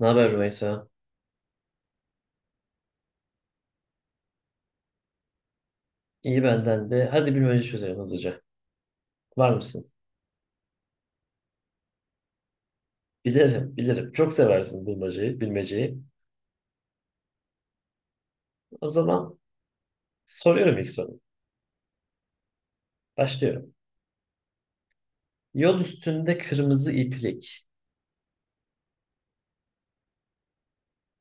Ne haber Rümeysa? İyi benden de. Hadi bilmece çözelim hızlıca. Var mısın? Bilirim, bilirim. Çok seversin bilmeceyi, bilmeceyi. O zaman soruyorum ilk soru. Başlıyorum. Yol üstünde kırmızı iplik.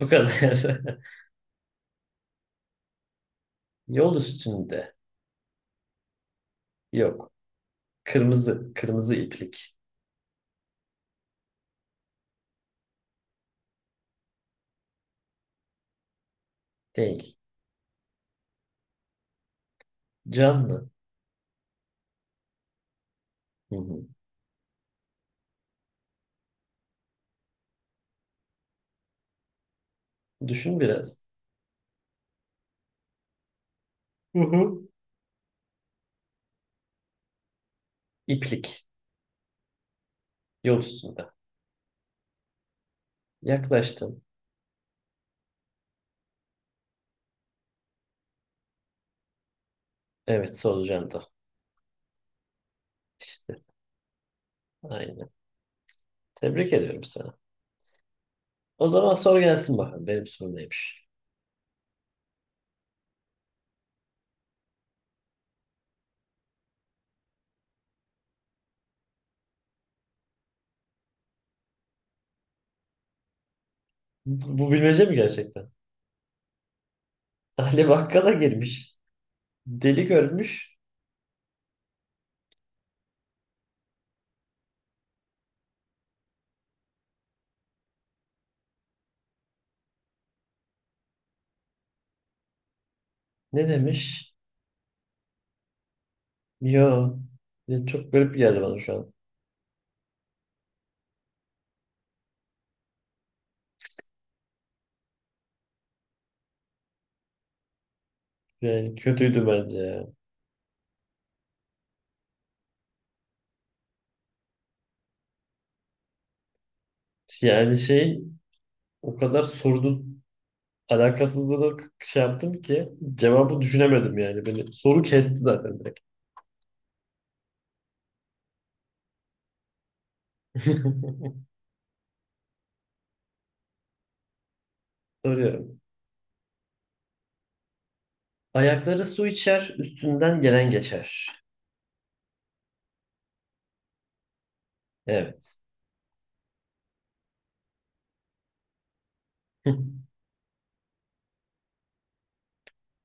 Bu kadar. Yol üstünde. Yok. Kırmızı, kırmızı iplik. Değil. Canlı. Hı hı. Düşün biraz. Hı hı. İplik. Yol üstünde. Yaklaştın. Evet, solucan da. İşte aynen. Tebrik ediyorum sana. O zaman soru gelsin bakalım. Benim sorum neymiş? Bu bilmece mi gerçekten? Ali Bakkala girmiş. Deli görmüş. Ne demiş? Yo. Ya çok garip geldi bana şu an. Yani kötüydü bence ya. Yani şey o kadar sorunun alakasızlığını şey yaptım ki cevabı düşünemedim yani. Beni soru kesti zaten direkt. Soruyorum. Ayakları su içer, üstünden gelen geçer. Evet.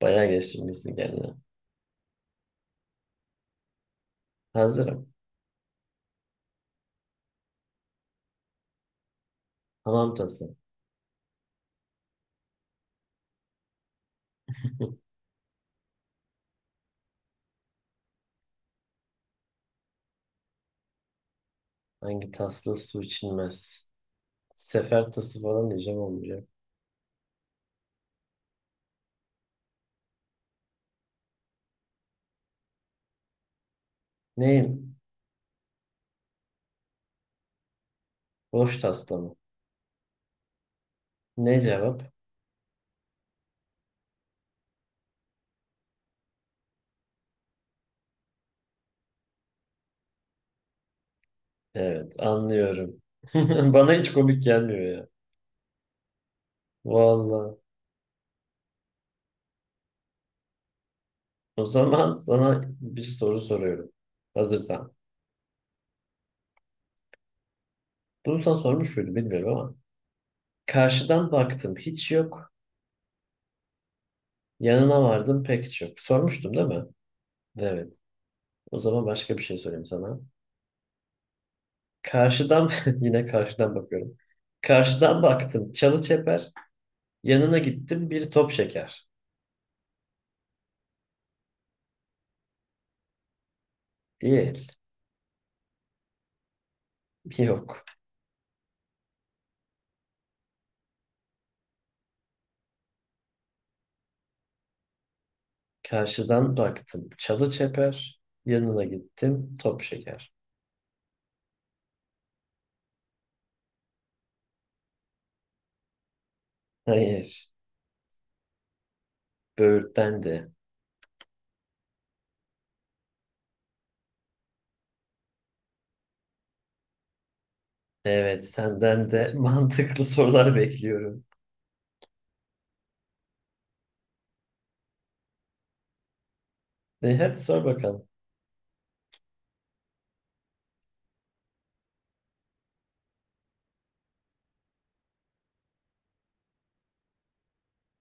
Bayağı geçirmişsin kendine. Hazırım. Hamam tası. Hangi tasla su içilmez? Sefer tası falan diyeceğim olmayacak. Neyim? Boş tasla mı? Ne cevap? Evet, anlıyorum. Bana hiç komik gelmiyor ya. Vallahi. O zaman sana bir soru soruyorum. Hazırsan. Bunu sana sormuş muydum bilmiyorum ama. Karşıdan baktım hiç yok. Yanına vardım pek hiç yok. Sormuştum değil mi? Evet. O zaman başka bir şey sorayım sana. Karşıdan yine karşıdan bakıyorum. Karşıdan baktım çalı çeper. Yanına gittim bir top şeker. Değil. Yok. Karşıdan baktım. Çalı çeper. Yanına gittim. Top şeker. Hayır. Böğürtlen de. Evet, senden de mantıklı sorular bekliyorum. E, hadi sor bakalım.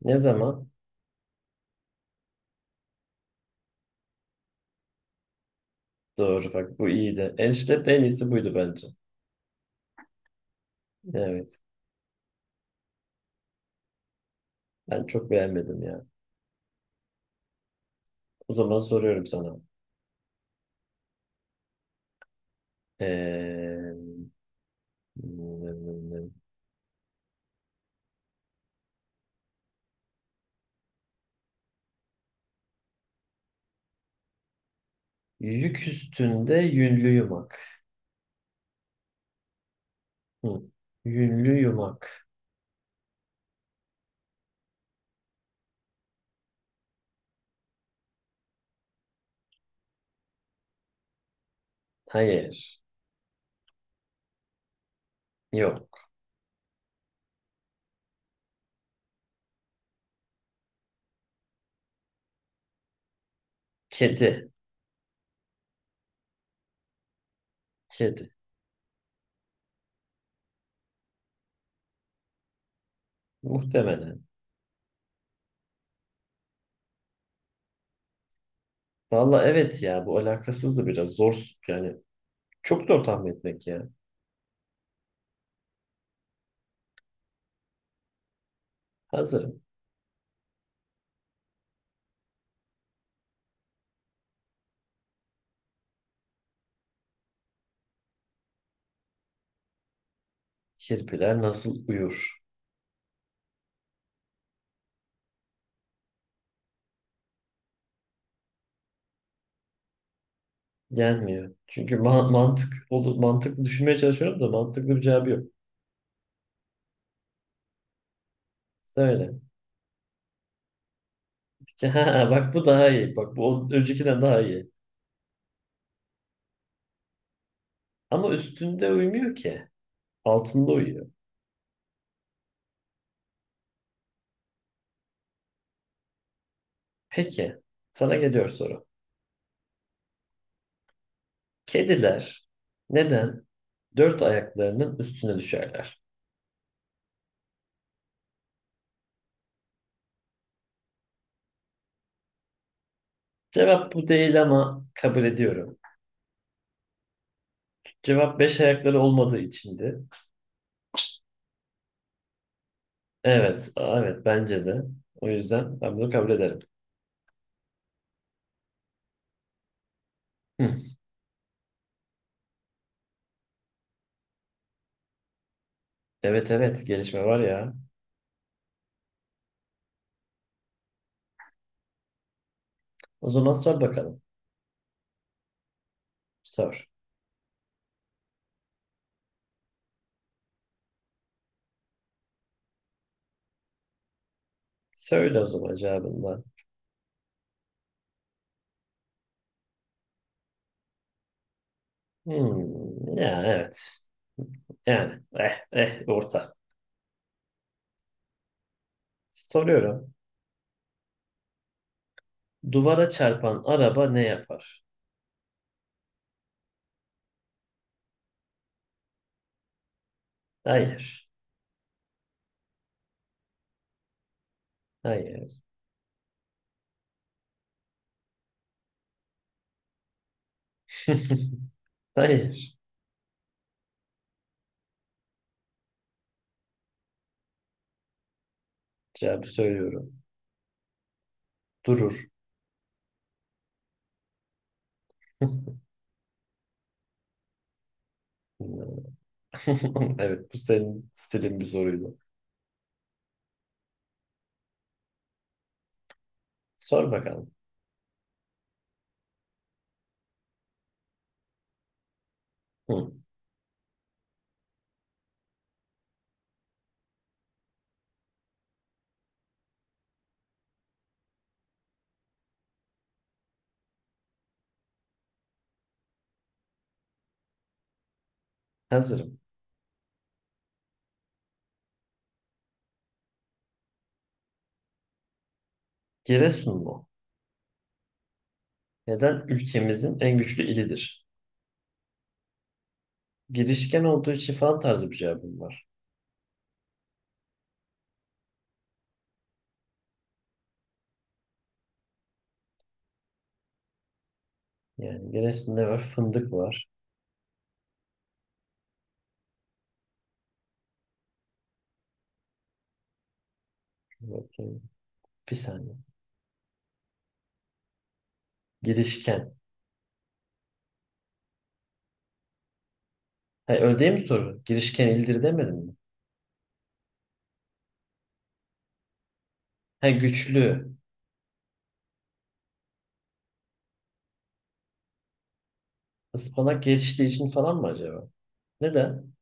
Ne zaman? Doğru bak bu iyiydi. Enişte de en iyisi buydu bence. Evet. Ben çok beğenmedim ya. O zaman soruyorum sana. Ee, yük üstünde yünlü yumak. Hı. Yünlü yumak. Hayır. Yok. Kedi. Kedi. Muhtemelen. Valla evet ya bu alakasız da biraz zor yani çok zor tahmin etmek ya. Hazırım. Kirpiler nasıl uyur? Gelmiyor. Çünkü mantık olur mantıklı düşünmeye çalışıyorum da mantıklı bir cevabı yok. Söyle. Ha, bak bu daha iyi. Bak bu öncekinden daha iyi. Ama üstünde uyumuyor ki. Altında uyuyor. Peki. Sana geliyor soru. Kediler neden dört ayaklarının üstüne düşerler? Cevap bu değil ama kabul ediyorum. Cevap beş ayakları olmadığı içindi. Evet, evet bence de. O yüzden ben bunu kabul ederim. Hı. Evet evet gelişme var ya. O zaman sor bakalım. Sor. Söyle o zaman cevabını. Da. Hmm, ya evet. Yani eh eh orta. Soruyorum. Duvara çarpan araba ne yapar? Hayır. Hayır. Hayır. Cevabı söylüyorum. Durur. Evet bu senin stilin bir soruydu. Sor bakalım. Hı. Hazırım. Giresun mu? Neden ülkemizin en güçlü ilidir? Girişken olduğu için falan tarzı bir cevabım var. Yani Giresun'da var? Fındık var. Bakayım. Bir saniye. Girişken. Ha, öyle değil mi soru? Girişken ildir demedim mi? Ha, güçlü. Ispanak geliştiği için falan mı acaba? Neden?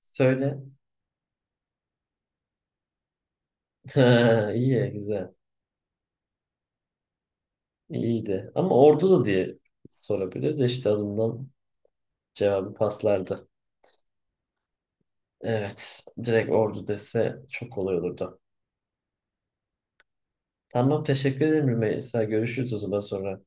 Söyle. Ha, iyi, güzel. İyiydi. Ama ordu da diye sorabilir de işte alından cevabı paslardı. Evet. Direkt ordu dese çok kolay olurdu. Tamam teşekkür ederim Rümeysa. Görüşürüz o zaman sonra.